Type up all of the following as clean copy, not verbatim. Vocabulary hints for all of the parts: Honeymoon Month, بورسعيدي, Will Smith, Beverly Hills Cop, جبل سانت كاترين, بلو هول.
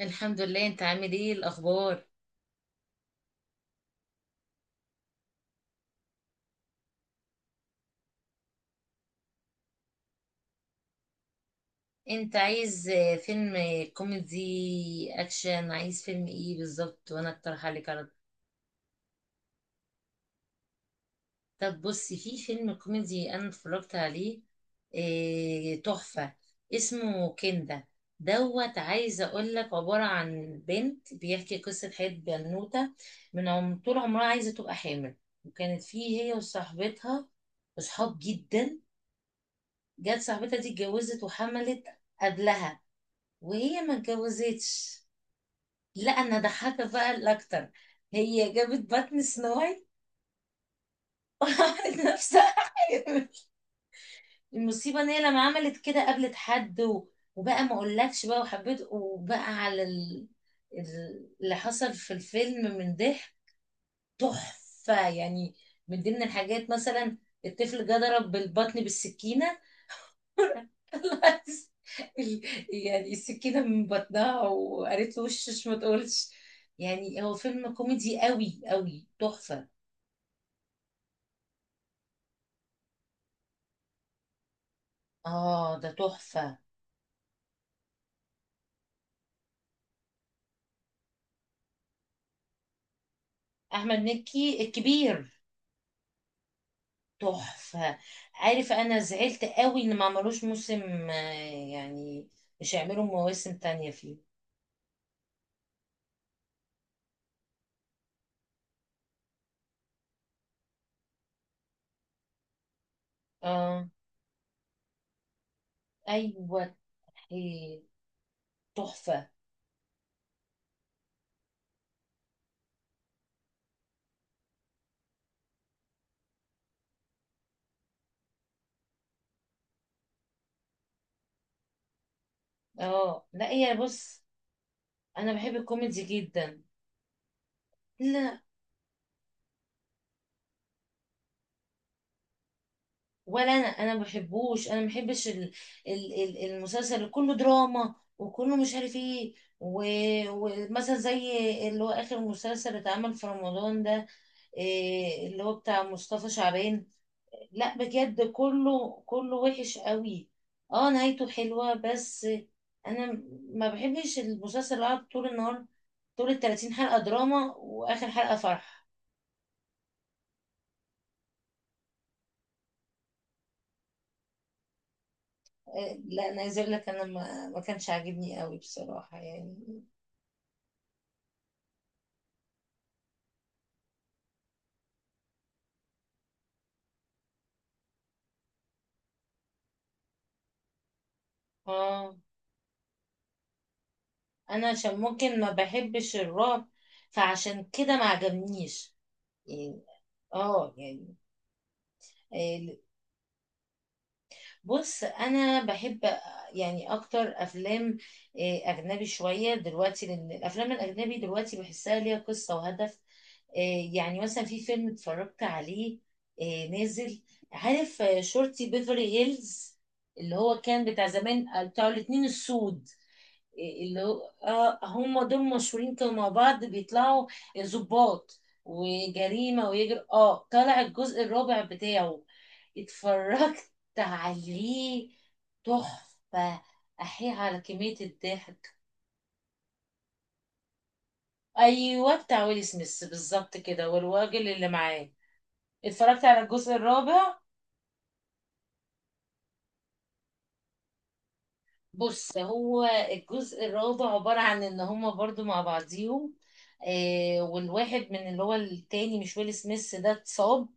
الحمد لله، انت عامل ايه الاخبار؟ انت عايز فيلم كوميدي اكشن، عايز فيلم ايه بالظبط وانا اقترح عليك على طول. طب بصي، في فيلم كوميدي انا اتفرجت عليه، إيه تحفة. اسمه كندا دوت، عايزة اقول لك، عبارة عن بنت بيحكي قصة حياة بنوتة من عم طول عمرها عايزة تبقى حامل. وكانت فيه هي وصاحبتها اصحاب جدا. جت صاحبتها دي اتجوزت وحملت قبلها، وهي ما اتجوزتش. لا، انا ضحكت بقى الاكتر. هي جابت بطن سنو وايت وعملت نفسها حامل. المصيبه ان هي لما عملت كده قابلت حد وبقى ما اقولكش بقى وحبيت، وبقى على اللي حصل في الفيلم من ضحك. تحفه يعني. من ضمن الحاجات مثلا، الطفل جه ضرب بالبطن بالسكينه. طلعت ال- يعني السكينة من بطنها، وقالت له وشش ما تقولش. يعني هو فيلم كوميدي قوي قوي تحفة. اه، ده تحفة. احمد مكي الكبير، تحفة. عارف، انا زعلت قوي ان ما عملوش موسم، يعني مش هيعملوا مواسم تانية فيه. اه، ايوه، إيه، تحفة. اه، لا هي بص، انا بحب الكوميدي جدا. لا، ولا انا ما بحبوش، انا ما بحبش المسلسل اللي كله دراما وكله مش عارف ايه. و- ومثلا زي اللي هو اخر مسلسل اللي اتعمل في رمضان ده، إيه اللي هو بتاع مصطفى شعبان. لا بجد، كله كله وحش قوي. اه، نهايته حلوة بس. انا ما بحبش المسلسل اللي قعد طول النهار، طول ال 30 حلقة دراما واخر حلقة فرح. إيه، لا انا عايزه اقول لك، انا ما كانش عاجبني قوي بصراحة يعني. اه، انا عشان ممكن ما بحبش الرعب، فعشان كده ما عجبنيش يعني. اه يعني. آه، بص انا بحب يعني اكتر افلام اجنبي شويه دلوقتي، لان الافلام الاجنبي دلوقتي بحسها ليها قصه وهدف. يعني مثلا في فيلم اتفرجت عليه، نازل، عارف شرطي بيفرلي هيلز. اللي هو كان بتاع زمان، بتاع الاتنين السود، اللي هو هم دول مشهورين كانوا مع بعض، بيطلعوا ضباط وجريمة، ويجر طلع الجزء الرابع بتاعه. اتفرجت عليه، تحفة. أحيي على كمية الضحك. أيوة، بتاع ويل سميث بالظبط كده، والراجل اللي معاه. اتفرجت على الجزء الرابع. بص، هو الجزء الرابع عبارة عن إن هما برضو مع بعضيهم، والواحد من اللي هو التاني مش ويل سميث ده اتصاب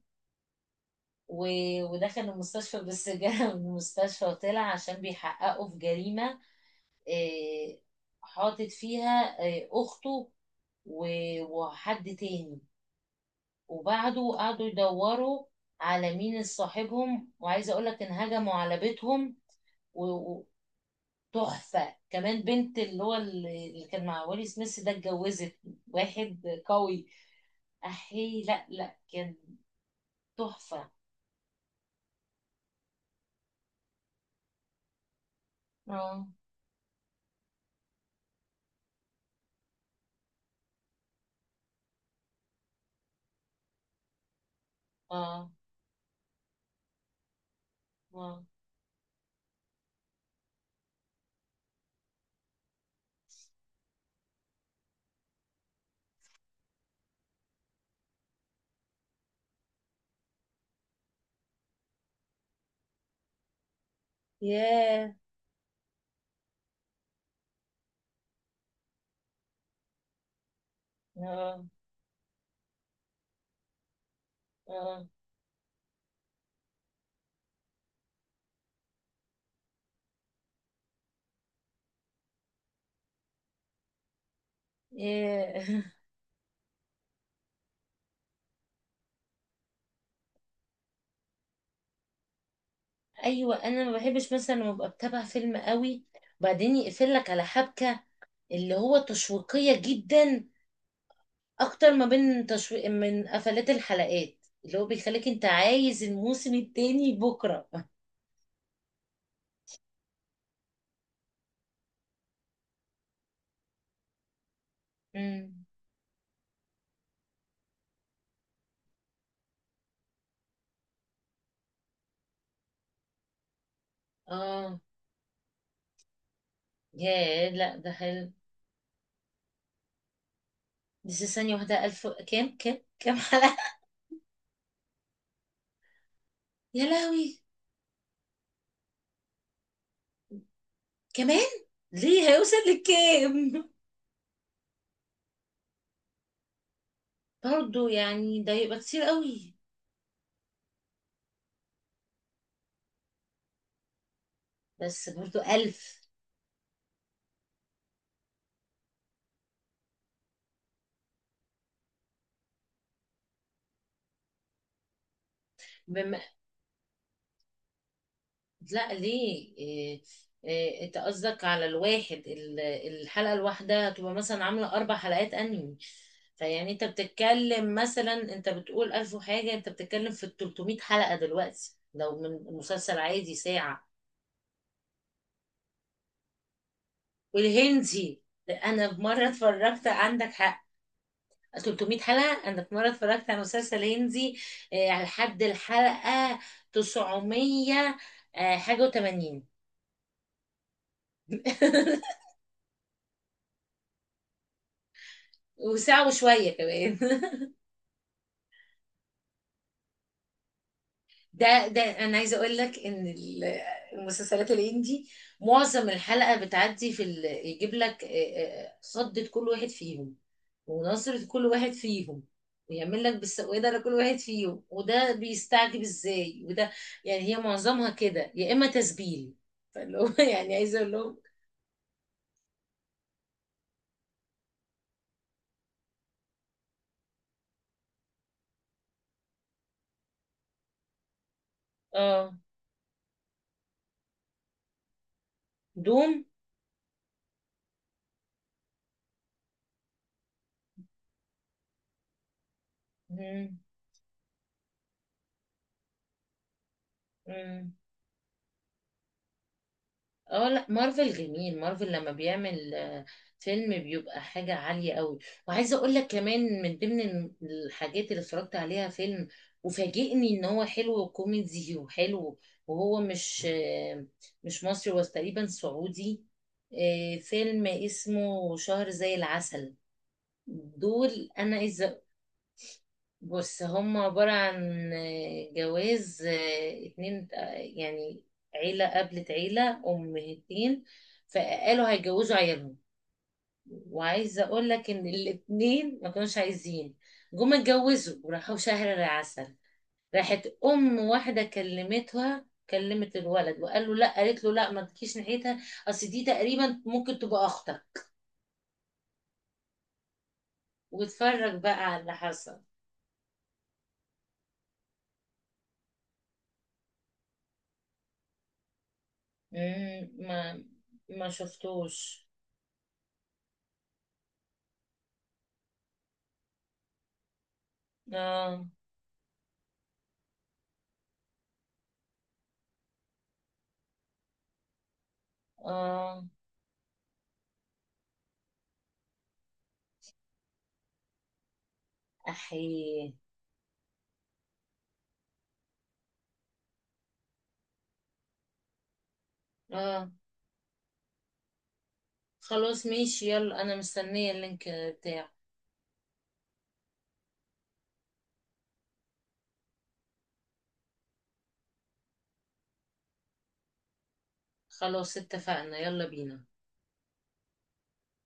و... ودخل المستشفى، بس جه من المستشفى وطلع عشان بيحققوا في جريمة. آه، حاطط فيها أخته و- وحد تاني. وبعده قعدوا يدوروا على مين صاحبهم، وعايزة أقولك إن هجموا على بيتهم. و- و- تحفة، كمان بنت اللي هو اللي كان مع ويلي سميث ده اتجوزت واحد قوي. أحي، لا لا، كان تحفة. اه، اه، اه، ياه، اه، اه، إيه. ايوه، انا ما بحبش مثلا لما ابقى بتابع فيلم قوي، وبعدين يقفل لك على حبكه اللي هو تشويقيه جدا، اكتر ما بين تشويق من قفلات الحلقات اللي هو بيخليك انت عايز الموسم التاني بكره. امم اه، يا لا ده حلو. بس ثانيه واحده، الف كام حلقه؟ يا لهوي، كمان ليه هيوصل لكام؟ برضو يعني ده يبقى كتير قوي. بس برضو الف، بما، لا ليه، إيه انت قصدك على الواحد، الحلقة الواحدة هتبقى مثلا عاملة اربع حلقات انمي. فيعني انت بتتكلم مثلا، انت بتقول الف وحاجة، انت بتتكلم في 300 حلقة دلوقتي لو من مسلسل عادي ساعة. والهندي، انا في مرة اتفرجت، عندك حق. 300 حلقة، انا في مرة اتفرجت على مسلسل هندي، إيه، على لحد الحلقة 900 حاجة و80. وساعة وشوية كمان. ده انا عايزه اقول لك ان المسلسلات الهندي، معظم الحلقه بتعدي في يجيب لك، صدة كل واحد فيهم، ونظرة كل واحد فيهم، ويعمل لك بالسوادة لكل واحد فيهم، وده بيستعجب ازاي وده، يعني هي معظمها كده يا اما تسبيل، فاللي هو يعني عايزه اقول لهم. اه، دوم. مم. مم. اه، لا مارفل جميل، مارفل لما بيعمل فيلم بيبقى حاجة عالية قوي. وعايزة اقول لك كمان، من ضمن الحاجات اللي اتفرجت عليها فيلم، وفاجئني ان هو حلو وكوميدي وحلو، وهو مش مصري، هو تقريبا سعودي. فيلم اسمه شهر زي العسل، دول انا عايزة، بص هم عبارة عن جواز اتنين، يعني عيلة قابلت عيلة أمهتين، فقالوا هيجوزوا عيالهم. وعايزة أقول لك إن الاتنين ما كانوش عايزين، جم اتجوزوا وراحوا شهر العسل. راحت أم واحدة، كلمتها كلمت الولد، وقال له لا، قالت له لا ما تجيش ناحيتها، أصل دي تقريبا ممكن تبقى أختك. واتفرج بقى على اللي حصل. مم، ما شفتوش. اه، اه، احيه، اه، خلاص ماشي، يلا انا مستنية اللينك بتاعه. خلاص اتفقنا، يلا بينا.